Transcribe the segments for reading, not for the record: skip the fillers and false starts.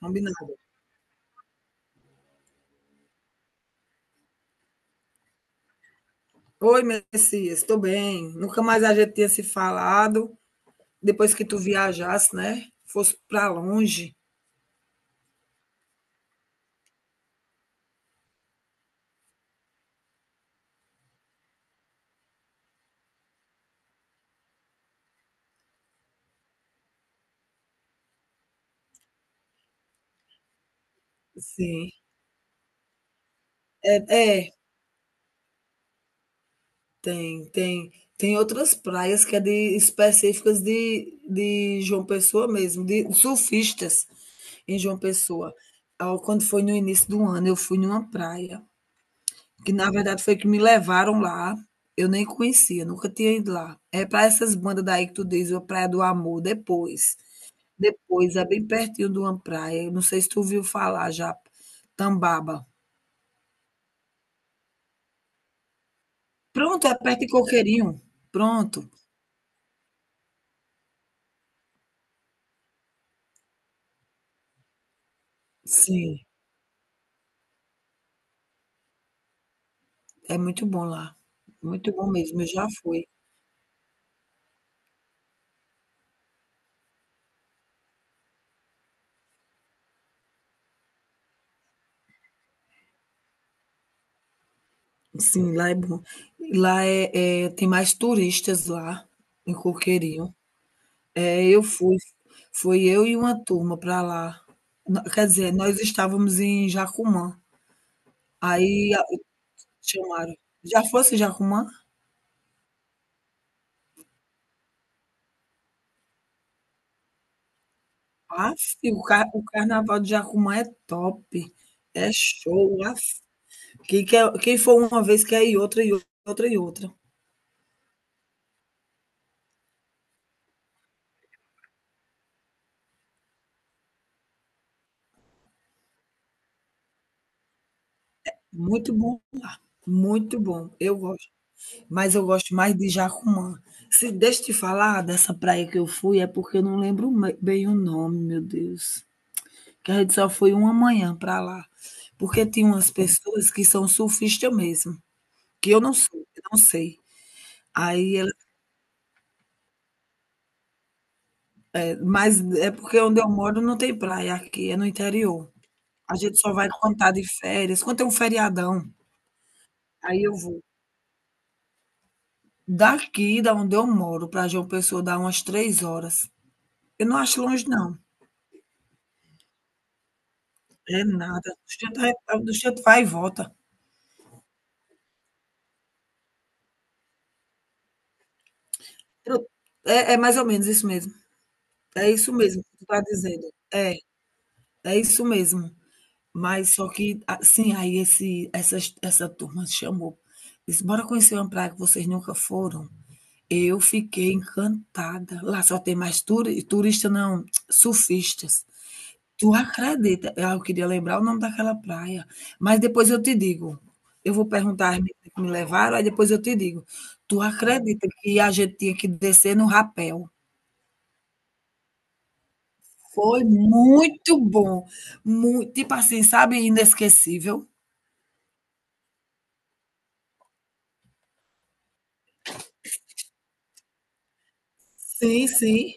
Combinado. Oi, Messias, estou bem. Nunca mais a gente tinha se falado. Depois que tu viajasse, né? Fosse para longe. Sim. É, é, tem, tem. Tem outras praias que é de específicas de João Pessoa mesmo, de surfistas em João Pessoa. Ah, quando foi no início do ano, eu fui numa praia, que na verdade foi que me levaram lá. Eu nem conhecia, nunca tinha ido lá. É para essas bandas daí que tu diz, a Praia do Amor, depois. Depois, é bem pertinho de uma praia, eu não sei se tu ouviu falar já, Tambaba. Pronto, é perto de Coqueirinho, pronto. Sim, é muito bom lá, muito bom mesmo, eu já fui. Sim, lá é bom. Lá é, tem mais turistas lá, em Coqueirinho. É, eu fui, foi eu e uma turma para lá. N Quer dizer, nós estávamos em Jacumã, aí a chamaram já fosse em Jacumã? Aff, o carnaval de Jacumã é top, é show, aff. Quem for uma vez quer ir outra, e outra, outra e outra. Muito bom, muito bom, eu gosto. Mas eu gosto mais de Jacumã. Se deixa eu te falar dessa praia que eu fui, é porque eu não lembro bem o nome, meu Deus. Que a gente só foi uma manhã para lá. Porque tem umas pessoas que são surfistas mesmo, que eu não sou, eu não sei. Aí mas é porque onde eu moro não tem praia aqui, é no interior. A gente só vai quando tá de férias, quando tem um feriadão, aí eu vou. Daqui da onde eu moro pra João Pessoa dá umas 3 horas. Eu não acho longe não, é nada. Do jeito vai e volta. Pro é é mais ou menos isso mesmo, é isso mesmo que tu tá dizendo. É, é isso mesmo. Mas só que assim, aí esse essas essa turma chamou, disse: "Bora conhecer uma praia que vocês nunca foram?" Eu fiquei encantada. Lá só tem mais turista não, surfistas. Tu acredita? Ah, eu queria lembrar o nome daquela praia, mas depois eu te digo. Eu vou perguntar às meninas que me levaram, aí depois eu te digo. Tu acredita que a gente tinha que descer no rapel? Foi muito bom, muito, tipo assim, sabe, inesquecível? Sim, sim.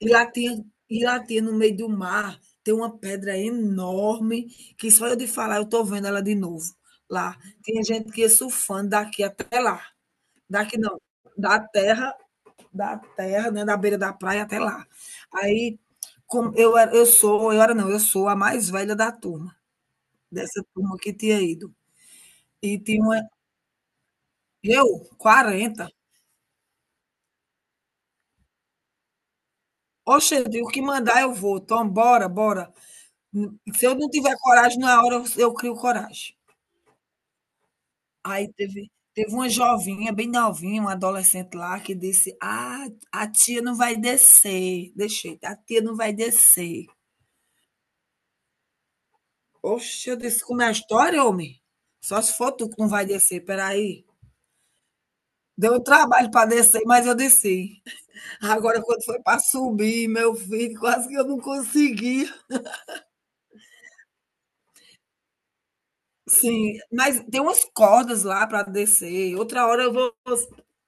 E lá tinha e lá tinha no meio do mar, tem uma pedra enorme, que só eu de falar eu tô vendo ela de novo, lá. Tinha gente que ia surfando daqui até lá. Daqui não, da terra da terra, né, da beira da praia até lá. Aí, como eu era eu sou eu era não, eu sou a mais velha da turma, dessa turma que tinha ido. E tinha uma eu? 40. Oxe, eu digo: "O que mandar eu vou, tom, bora, bora". Se eu não tiver coragem na hora, eu crio coragem. Aí teve uma jovinha, bem novinha, uma adolescente lá que disse: "Ah, a tia não vai descer", deixei "A tia não vai descer". Oxe, eu disse: "Como é a história, homem? Só se for tu que não vai descer, espera aí". Deu um trabalho para descer, mas eu desci. Agora quando foi para subir, meu filho, quase que eu não consegui. Sim, mas tem umas cordas lá para descer. Outra hora eu vou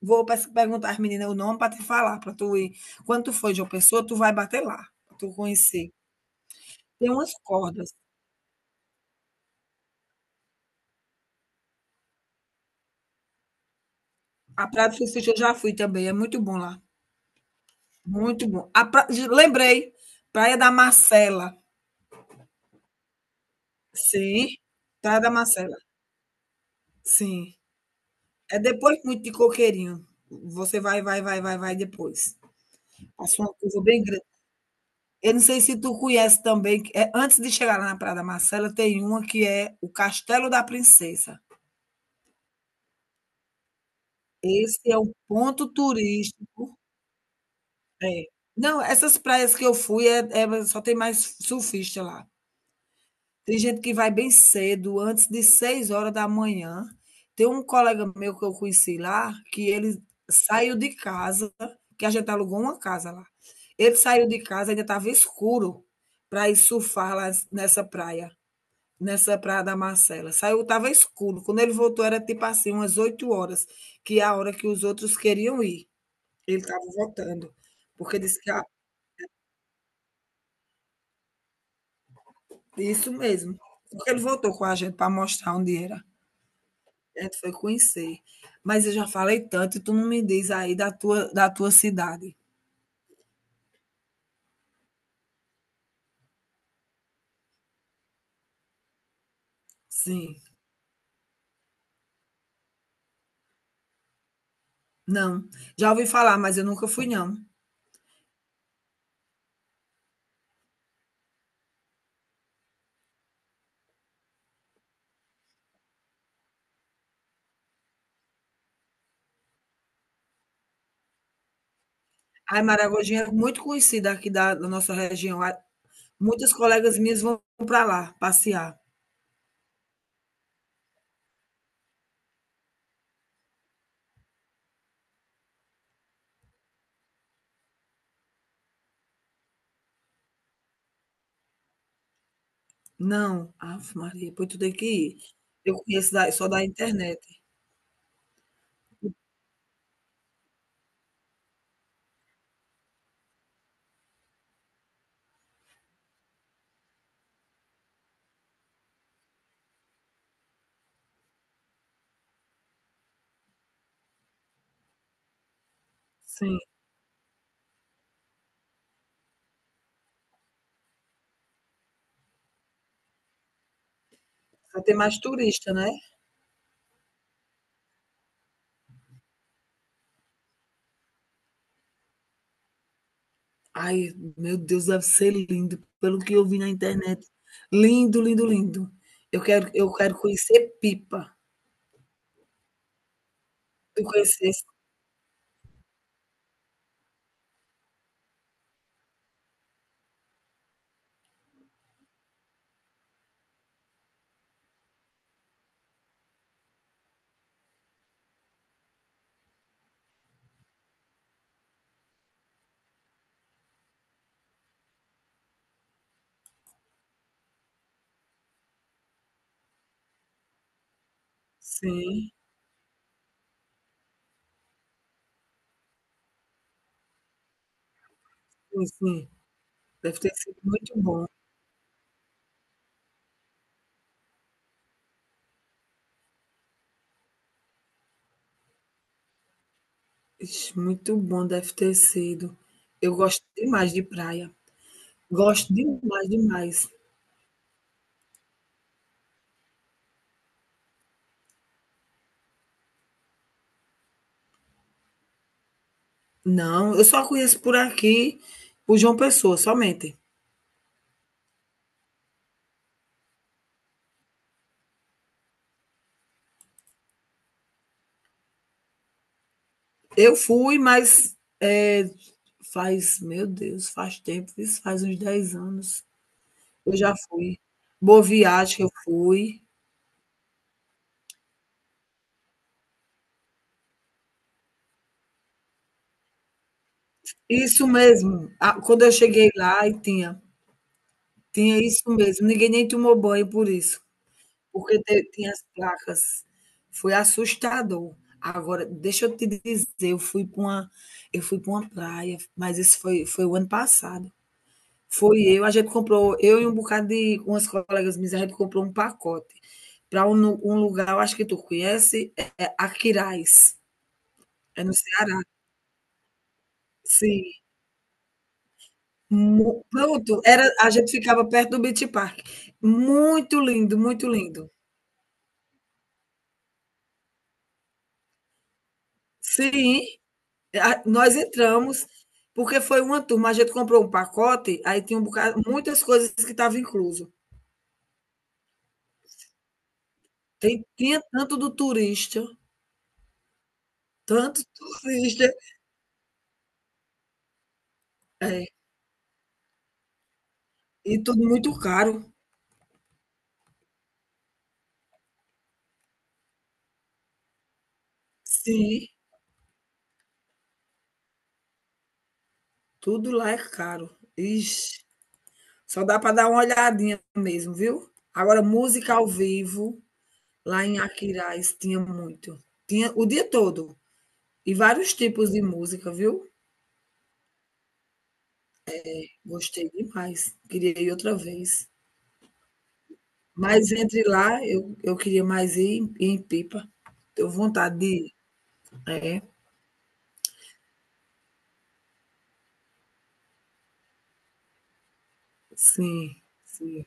vou pes perguntar às meninas o nome para te falar, para tu ir. Quando tu for de uma Pessoa, tu vai bater lá, pra tu conhecer. Tem umas cordas. A Praia do Surfista eu já fui também, é muito bom lá, muito bom. A pra ge lembrei, Praia da Marcela. Sim, Praia da Marcela. Sim. É depois muito de Coqueirinho. Você vai, vai, vai, vai, vai depois. Passa uma curva bem grande. Eu não sei se tu conhece também, que é, antes de chegar lá na Praia da Marcela, tem uma que é o Castelo da Princesa. Esse é um ponto turístico é. Não, essas praias que eu fui é só tem mais surfista lá. Tem gente que vai bem cedo, antes de 6 horas da manhã. Tem um colega meu que eu conheci lá, que ele saiu de casa, que a gente alugou uma casa lá. Ele saiu de casa, ainda estava escuro, para ir surfar lá nessa praia, nessa Praia da Marcela. Saiu, estava escuro. Quando ele voltou, era tipo assim, umas 8 horas, que é a hora que os outros queriam ir. Ele estava voltando, porque disse que a isso mesmo. Porque ele voltou com a gente para mostrar onde era. A gente foi conhecer. Mas eu já falei tanto, e tu não me diz aí da tua cidade. Sim. Não. Já ouvi falar, mas eu nunca fui, não. A Maragogi é muito conhecida aqui da nossa região. Muitas colegas minhas vão para lá passear. Não, ave Maria, pois tu tem que ir. Eu conheço da só da internet. Sim, só tem mais turista, né. Ai, meu Deus, deve ser lindo, pelo que eu vi na internet. Lindo, lindo, lindo. Eu quero conhecer Pipa. Tu conhecesse? Sim, sim, sim. Deve ter sido muito bom. Ixi, muito bom deve ter sido. Eu gosto demais de praia. Gosto demais, demais. Não, eu só conheço por aqui, por João Pessoa, somente. Eu fui, mas faz, meu Deus, faz tempo, isso faz uns 10 anos. Eu já fui. Boa Viagem eu fui. Isso mesmo, a quando eu cheguei lá e tinha isso mesmo, ninguém nem tomou banho por isso, porque te tinha as placas. Foi assustador. Agora, deixa eu te dizer, eu fui pra uma praia, mas isso foi o ano passado. Foi eu, a gente comprou, eu e um bocado de umas colegas minhas, a gente comprou um pacote para um nu um lugar, eu acho que tu conhece, é Aquiraz, é no Ceará. Sim, mu pronto, era a gente ficava perto do Beach Park. Muito lindo, muito lindo. Sim, a nós entramos, porque foi uma turma, a gente comprou um pacote, aí tinha um bocado muitas coisas que estava incluso. Tem tinha tanto do turista, tanto turista, é, e tudo muito caro. Sim, tudo lá é caro. Ixi, só dá para dar uma olhadinha mesmo, viu. Agora música ao vivo, lá em Aquiraz tinha muito. Tinha o dia todo, e vários tipos de música, viu. Gostei demais, queria ir outra vez. Mas entre lá, eu queria mais ir em Pipa. Tenho vontade de ir. É, sim, sim.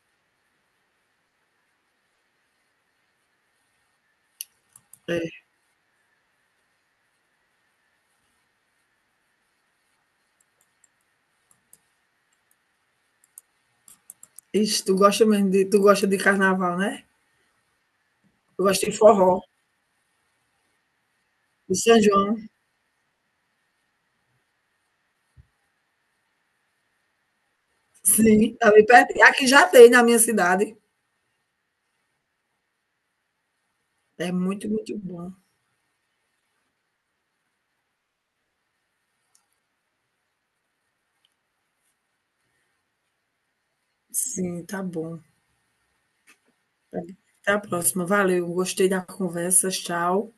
É. Ixi, tu gosta de carnaval, né? Tu gosta de forró, de São João. Sim, tá bem pertinho. Aqui já tem na minha cidade. É muito, muito bom. Sim, tá bom. Até a próxima. Valeu, gostei da conversa. Tchau.